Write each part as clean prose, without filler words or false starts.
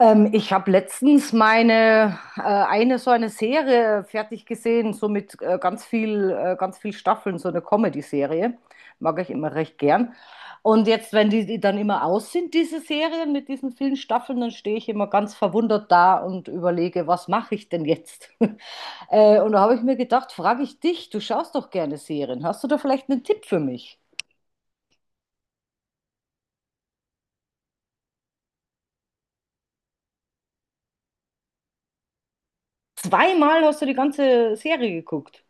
Ich habe letztens meine eine so eine Serie fertig gesehen, so mit ganz ganz viel Staffeln, so eine Comedy-Serie. Mag ich immer recht gern. Und jetzt, wenn die dann immer aus sind, diese Serien mit diesen vielen Staffeln, dann stehe ich immer ganz verwundert da und überlege, was mache ich denn jetzt? Und da habe ich mir gedacht, frage ich dich, du schaust doch gerne Serien. Hast du da vielleicht einen Tipp für mich? Zweimal hast du die ganze Serie geguckt.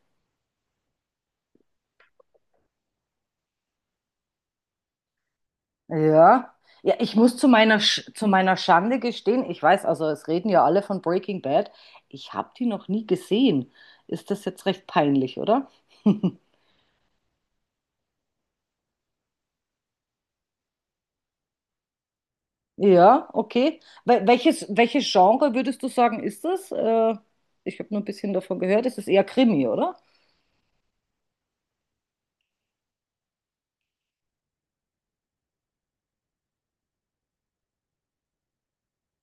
Ja. Ja, ich muss zu meiner, Sch zu meiner Schande gestehen, ich weiß, also es reden ja alle von Breaking Bad, ich habe die noch nie gesehen. Ist das jetzt recht peinlich, oder? Ja, okay. Welches, welches Genre würdest du sagen, ist das? Ich habe nur ein bisschen davon gehört, es ist eher Krimi, oder?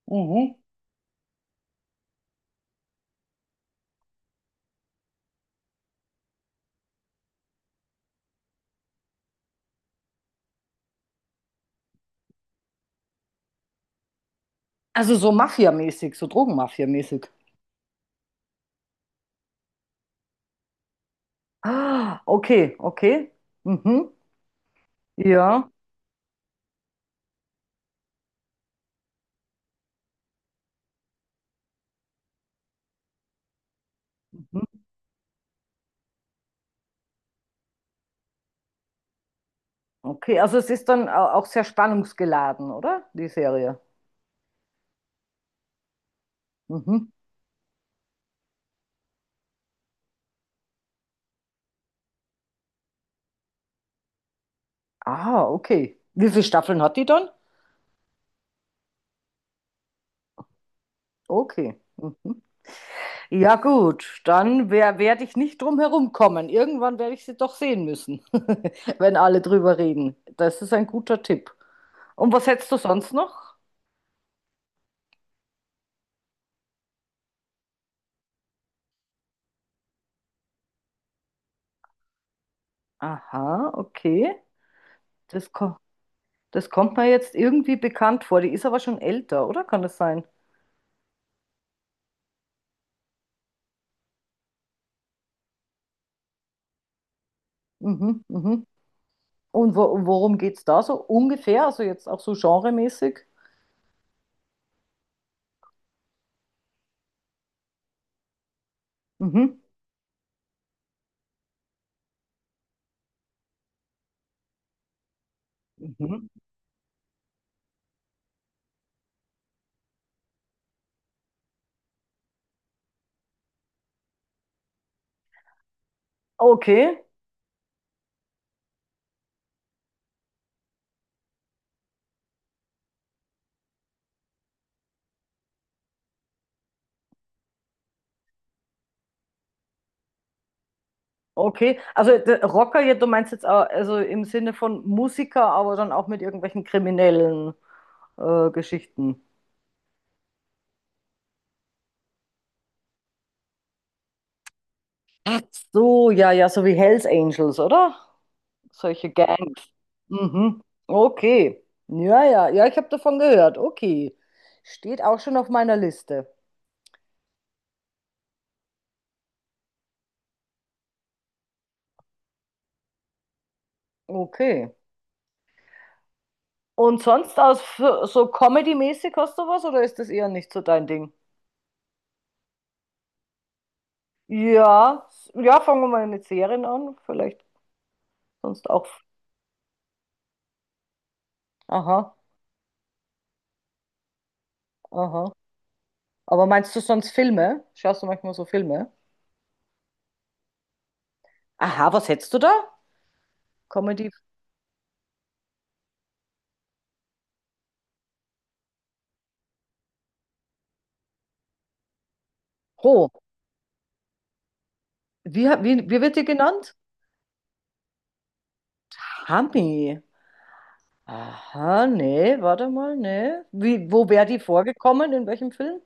Mhm. Also so Mafia-mäßig, so Drogenmafia-mäßig. Ah, okay, okay. Mhm. Ja. Mhm. Okay, also es ist dann auch sehr spannungsgeladen, oder? Die Serie. Mhm. Ah, okay. Wie viele Staffeln hat die dann? Okay. Mhm. Ja, gut, dann werde ich nicht drum herum kommen. Irgendwann werde ich sie doch sehen müssen, wenn alle drüber reden. Das ist ein guter Tipp. Und was hättest du sonst noch? Aha, okay. Das, ko Das kommt mir jetzt irgendwie bekannt vor. Die ist aber schon älter, oder? Kann das sein? Mhm, mhm. Und wo worum geht es da so ungefähr? Also jetzt auch so genremäßig? Mhm, mhm. Okay. Okay, also Rocker, ja, du meinst jetzt auch, also im Sinne von Musiker, aber dann auch mit irgendwelchen kriminellen Geschichten. Ach so, ja, ja, so wie Hells Angels, oder? Solche Gangs. Mhm. Okay. Ja, ja, ja, ich habe davon gehört. Okay. Steht auch schon auf meiner Liste. Okay. Und sonst aus so Comedy-mäßig hast du was oder ist das eher nicht so dein Ding? Ja, ja, fangen wir mal mit Serien an, vielleicht sonst auch. Aha, aha. Aber meinst du sonst Filme? Schaust du manchmal so Filme? Aha, was hättest du da? Comedy. Oh, wie wird die genannt? Hami. Aha, nee, warte mal, nee. Wo wäre die vorgekommen? In welchem Film?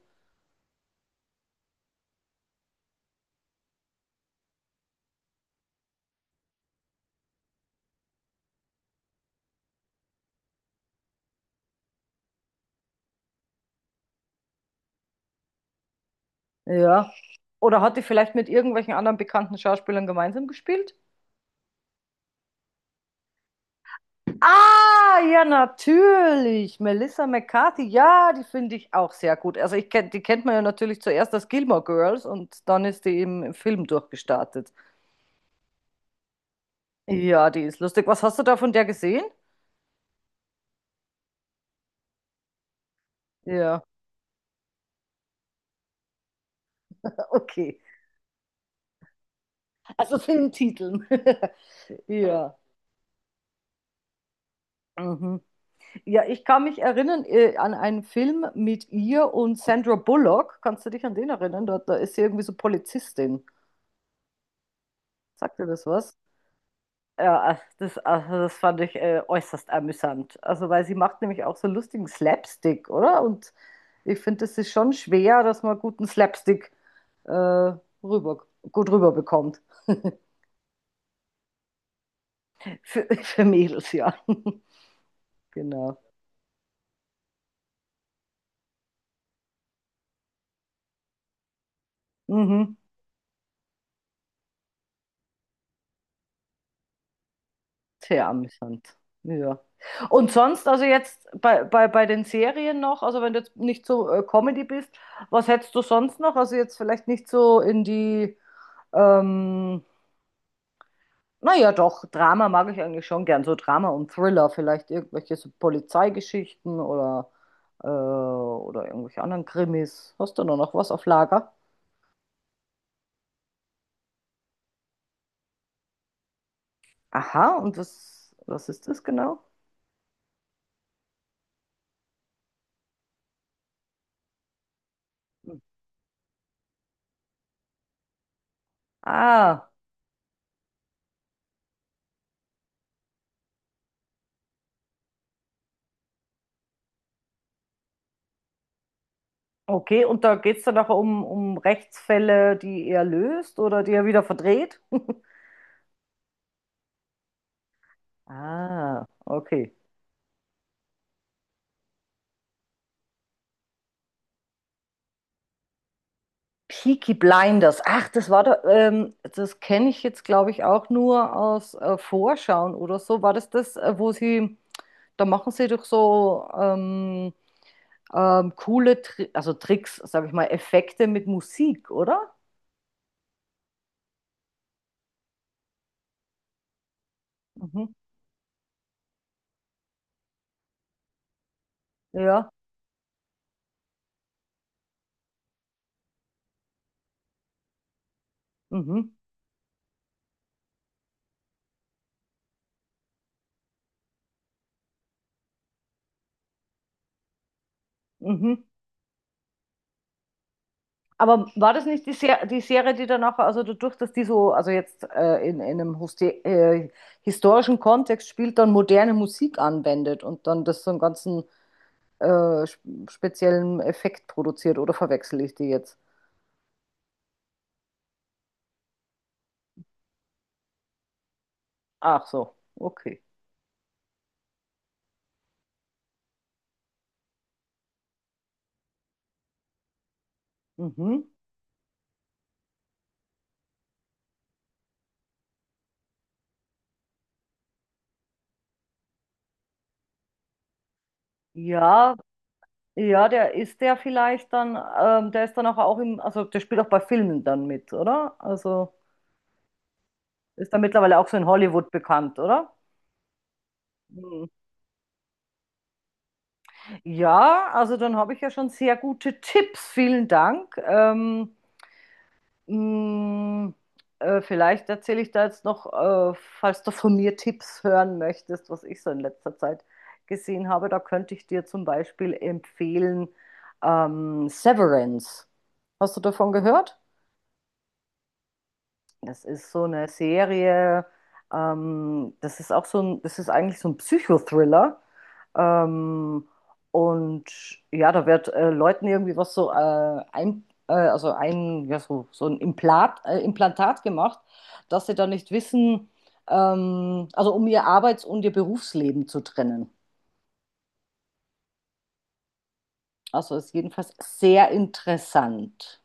Ja. Oder hat die vielleicht mit irgendwelchen anderen bekannten Schauspielern gemeinsam gespielt? Ah, ja, natürlich. Melissa McCarthy, ja, die finde ich auch sehr gut. Also ich kenn, die kennt man ja natürlich zuerst als Gilmore Girls und dann ist die im Film durchgestartet. Ja, die ist lustig. Was hast du da von der gesehen? Ja, okay. Also Filmtiteln. Ja. Mhm. Ja, ich kann mich erinnern an einen Film mit ihr und Sandra Bullock. Kannst du dich an den erinnern? Da, da ist sie irgendwie so Polizistin. Sagt dir das was? Ja, ach, das, also das fand ich äußerst amüsant. Also, weil sie macht nämlich auch so lustigen Slapstick, oder? Und ich finde, es ist schon schwer, dass man guten äh, rüber, gut rüberbekommt. Für, für Mädels, ja. Genau. Mhm. Sehr amüsant. Ja. Und sonst, also jetzt bei den Serien noch, also wenn du jetzt nicht so Comedy bist, was hättest du sonst noch? Also jetzt vielleicht nicht so in ähm, naja doch, Drama mag ich eigentlich schon gern, so Drama und Thriller, vielleicht irgendwelche so Polizeigeschichten oder irgendwelche anderen Krimis. Hast du da noch was auf Lager? Aha, und was, was ist das genau? Hm. Ah. Okay, und da geht es dann nachher um Rechtsfälle, die er löst oder die er wieder verdreht? Ah, okay. Peaky Blinders. Ach, das war da, das kenne ich jetzt, glaube ich, auch nur aus Vorschauen oder so. War das das, wo sie, da machen sie doch so coole, Tri also Tricks, sage ich mal, Effekte mit Musik, oder? Mhm. Ja. Mhm. Mhm. Aber war das nicht die Serie, die danach, also dadurch, dass die so, also jetzt in einem historischen Kontext spielt, dann moderne Musik anwendet und dann das so einen ganzen speziellen Effekt produziert, oder verwechsel ich die jetzt? Ach so, okay. Mhm. Ja, ja, der ist der vielleicht dann, der ist dann auch, auch also der spielt auch bei Filmen dann mit, oder? Also ist dann mittlerweile auch so in Hollywood bekannt, oder? Mhm. Ja, also dann habe ich ja schon sehr gute Tipps. Vielen Dank. Mh, Vielleicht erzähle ich da jetzt noch, falls du von mir Tipps hören möchtest, was ich so in letzter Zeit gesehen habe. Da könnte ich dir zum Beispiel empfehlen Severance. Hast du davon gehört? Das ist so eine Serie, das ist auch so ein, das ist eigentlich so ein Psychothriller. Ähm, und ja, da wird Leuten irgendwie was so also ein, ja, so, so ein Implantat gemacht, dass sie dann nicht wissen, also um ihr Arbeits- und ihr Berufsleben zu trennen. Also ist jedenfalls sehr interessant.